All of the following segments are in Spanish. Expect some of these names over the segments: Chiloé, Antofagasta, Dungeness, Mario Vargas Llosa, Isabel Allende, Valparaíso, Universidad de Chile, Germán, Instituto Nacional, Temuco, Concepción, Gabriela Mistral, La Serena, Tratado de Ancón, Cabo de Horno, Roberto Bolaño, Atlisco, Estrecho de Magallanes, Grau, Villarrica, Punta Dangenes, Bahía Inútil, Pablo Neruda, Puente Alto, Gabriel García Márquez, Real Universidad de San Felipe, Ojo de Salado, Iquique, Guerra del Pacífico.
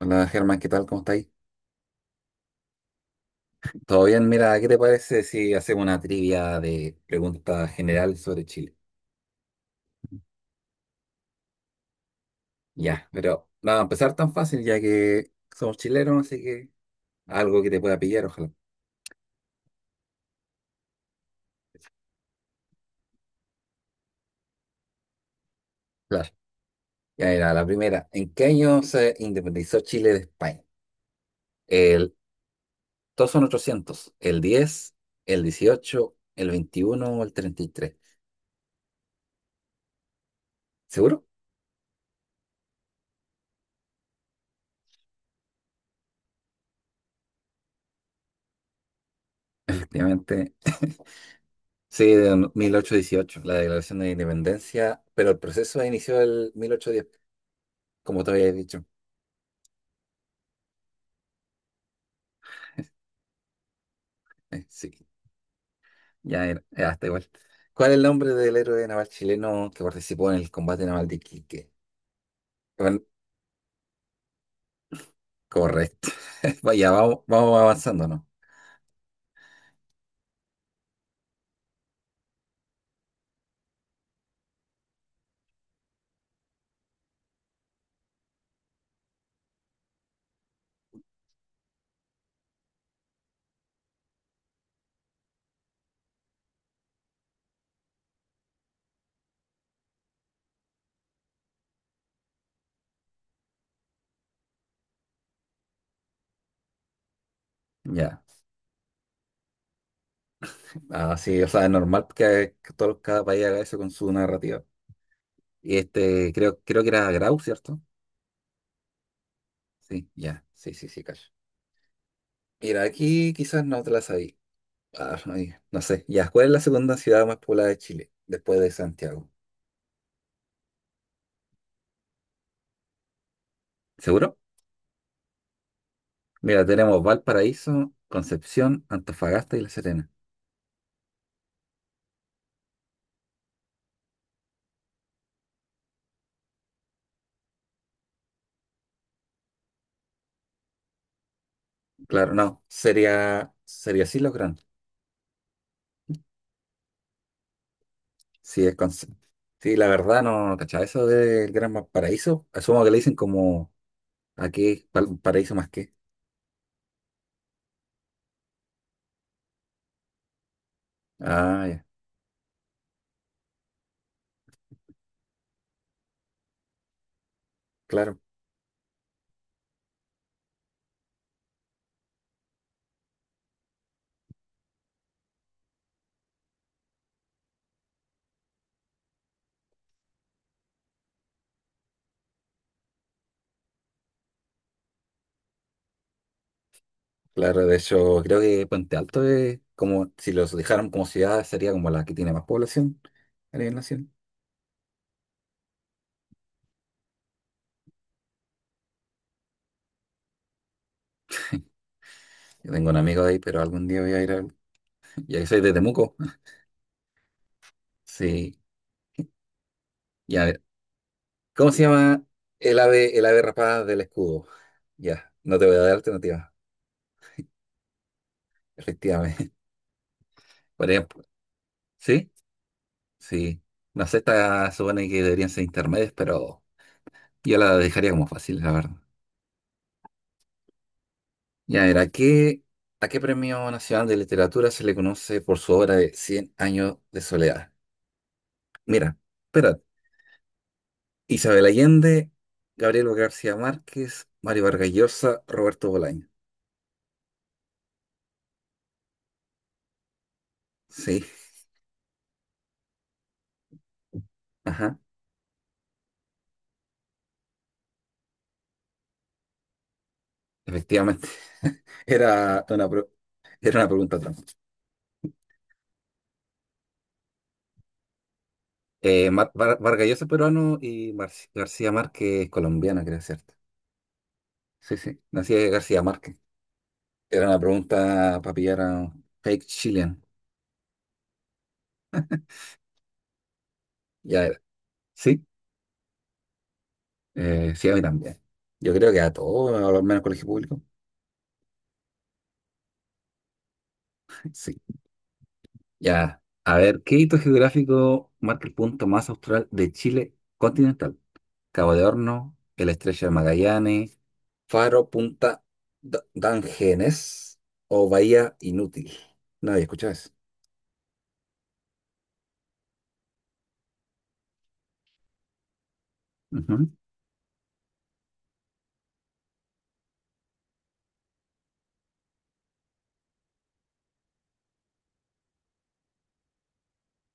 Hola Germán, ¿qué tal? ¿Cómo estáis? ¿Todo bien? Mira, ¿qué te parece si hacemos una trivia de preguntas general sobre Chile? Ya, pero nada, empezar tan fácil ya que somos chilenos, así que algo que te pueda pillar, ojalá. Claro. Ya mira, la primera. ¿En qué año se independizó Chile de España? El, Todos son 800. ¿El 10, el 18, el 21 o el treinta y tres? ¿Seguro? Efectivamente. Sí, de 1818, la declaración de independencia, pero el proceso inició el 1810, como te había dicho. Sí, ya era, ya está igual. ¿Cuál es el nombre del héroe naval chileno que participó en el combate naval de Iquique? Bueno, correcto. Vaya, vamos avanzando, ¿no? Ya. Así, o sea, es normal que todo, cada país haga eso con su narrativa. Y este, creo que era Grau, ¿cierto? Sí, ya. Sí, sí, sí, cacho. Mira, aquí quizás no te la sabí. Ah, ay, no sé. Ya, ¿cuál es la segunda ciudad más poblada de Chile después de Santiago? ¿Seguro? Mira, tenemos Valparaíso, Concepción, Antofagasta y La Serena. Claro, no, sería, sería así los Gran. Sí, es sí, la verdad no, no eso del Gran Valparaíso. Asumo que le dicen como aquí, paraíso más que. Ah, ya, claro, claro. De hecho, creo que Puente Alto es como, si los dejaron como ciudad, sería como la que tiene más población a nivel nacional. Yo tengo un amigo de ahí, pero algún día voy a ir a... Y ahí soy de Temuco. Sí, ya. ¿Cómo se llama el ave rapada del escudo? Ya, no te voy a dar alternativa, efectivamente. Por ejemplo, ¿sí? Sí. No sé, esta supone que deberían ser intermedias, pero yo la dejaría como fácil, la verdad. Ya, a qué Premio Nacional de Literatura se le conoce por su obra de Cien años de soledad? Mira, espera, Isabel Allende, Gabriel García Márquez, Mario Vargas Llosa, Roberto Bolaño. Sí, ajá. Efectivamente, era una, pro- era una pregunta trampa. Vargas Llosa es peruano y García Márquez es colombiano, creo, ¿cierto? Sí, sí, nací de García Márquez. Era una pregunta para pillar a un fake chilean. Ya era. Sí, sí, a mí también. Yo creo que a todos, al menos colegio público. Sí, ya. A ver, ¿qué hito geográfico marca el punto más austral de Chile continental? Cabo de Horno, el Estrecho de Magallanes, Faro, Punta Dangenes o Bahía Inútil. No había escuchado eso. Ujú,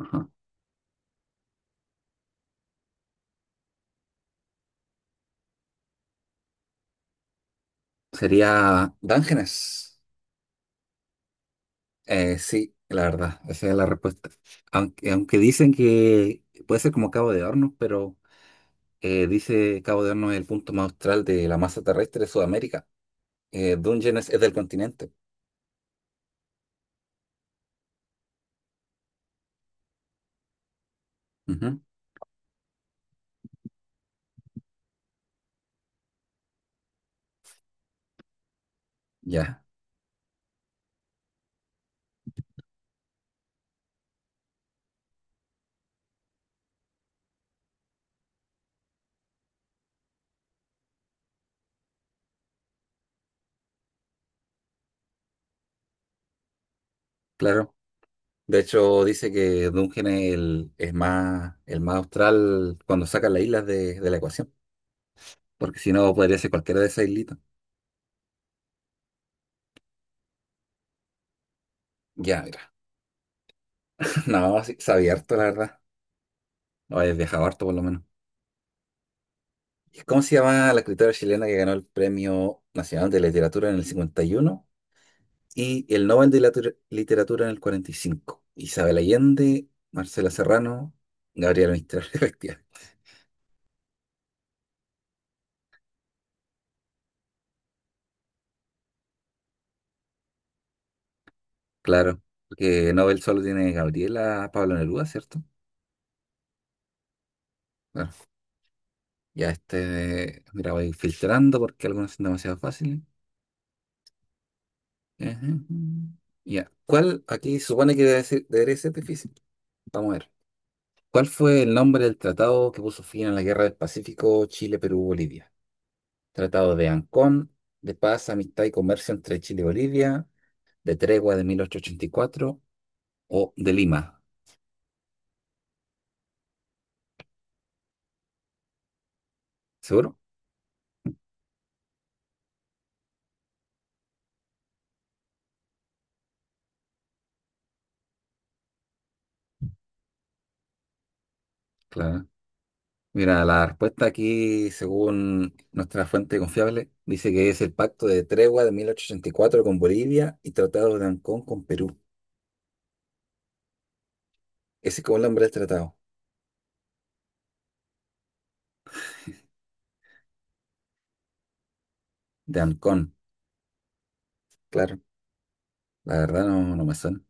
ajá. Sería Dangenes. Sí, la verdad, esa es la respuesta. Aunque dicen que puede ser como Cabo de Hornos, pero dice Cabo de Hornos es el punto más austral de la masa terrestre de Sudamérica. Dungeness es del continente. Ujú, ya, claro. De hecho, dice que Dungeon es, el, es más, el más austral cuando saca las islas de la ecuación, porque si no podría ser cualquiera de esas islitas. Ya, mira. No, sí, sabía harto, la verdad. O he viajado harto, por lo menos. ¿Y cómo se llama la escritora chilena que ganó el Premio Nacional de Literatura en el 51 y uno y el Nobel de Literatura en el 45? Isabel Allende, Marcela Serrano, Gabriela Mistral, efectivamente. Claro, porque Nobel solo tiene Gabriela Pablo Neruda, ¿cierto? Ya este, mira, voy filtrando porque algunos son demasiado fáciles. Ajá. Ya, ¿cuál aquí se supone que debe ser, debería ser difícil? Vamos a ver. ¿Cuál fue el nombre del tratado que puso fin a la Guerra del Pacífico Chile-Perú-Bolivia? Tratado de Ancón, de paz, amistad y comercio entre Chile y Bolivia, de tregua de 1884 o de Lima. ¿Seguro? Claro. Mira, la respuesta aquí, según nuestra fuente confiable, dice que es el Pacto de Tregua de 1884 con Bolivia y Tratado de Ancón con Perú. Ese es como el nombre del tratado, de Ancón, claro. La verdad no, no me suena.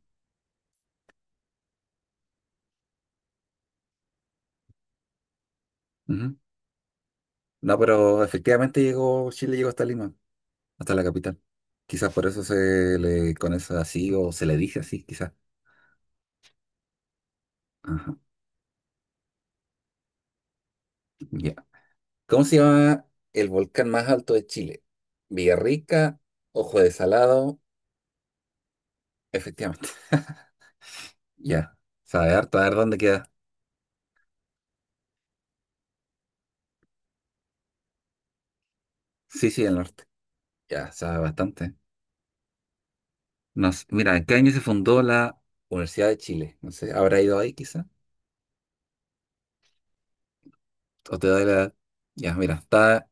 Ujú. No, pero efectivamente llegó, Chile llegó hasta Lima, hasta la capital. Quizás por eso se le conoce así o se le dice así, quizás. Ajá, ya. ¿Cómo se llama el volcán más alto de Chile? Villarrica, Ojo de Salado, efectivamente. Ya, sabe harto, a ver dónde queda. Sí, sí, el norte. Ya, sabe bastante. No sé, mira, ¿en qué año se fundó la Universidad de Chile? No sé, ¿habrá ido ahí quizá? ¿O te doy la...? Ya, mira, está...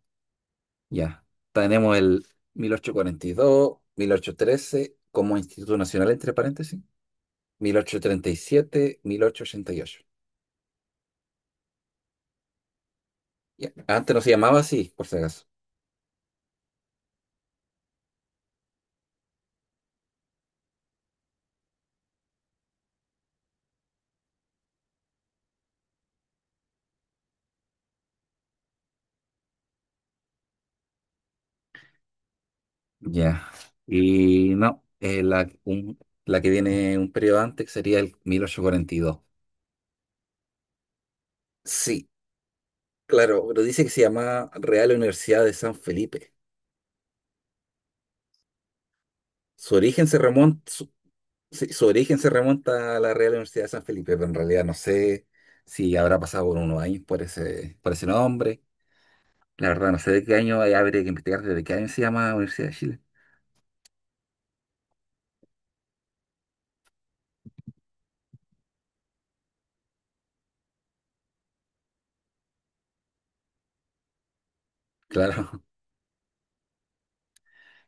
Ya, tenemos el mil ochocientos cuarenta y dos, 1813 como Instituto Nacional (entre paréntesis), mil ochocientos treinta y siete, 1888. Ya, antes no se llamaba así, por si acaso. Ya. Y no, la que viene un periodo antes sería el 1842. Sí, claro, pero dice que se llama Real Universidad de San Felipe. Su origen se remonta, su, sí, su origen se remonta a la Real Universidad de San Felipe, pero en realidad no sé si habrá pasado por unos años por ese nombre. La verdad, no sé de qué año, ahí habría que investigar desde qué año se llama Universidad de Chile. Claro.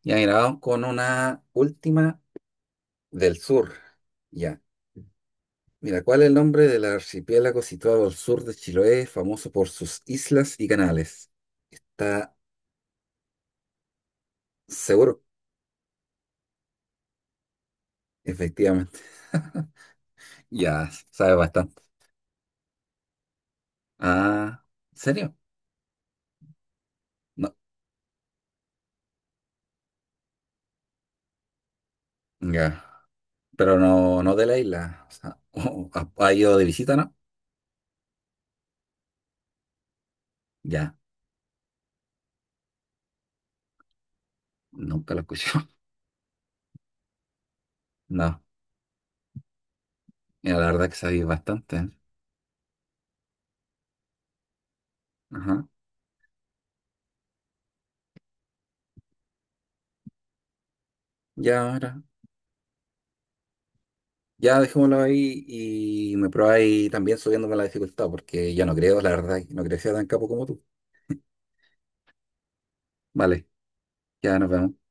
Ya, mira, vamos con una última del sur. Ya. Mira, ¿cuál es el nombre del archipiélago situado al sur de Chiloé, famoso por sus islas y canales? Está seguro. Efectivamente. Ya, sabe bastante. Ah, ¿en serio? No, ya. Pero no, no de la isla. O sea, ¿ha, ha ido de visita, no? Ya, nunca lo escuché. No, mira, la verdad que sabéis bastante, ¿eh? Ajá. Ya, ahora. Ya dejémoslo ahí y me probáis también subiéndome la dificultad, porque ya no creo, la verdad, no creo que sea tan capo como tú. Vale, ya nos vemos.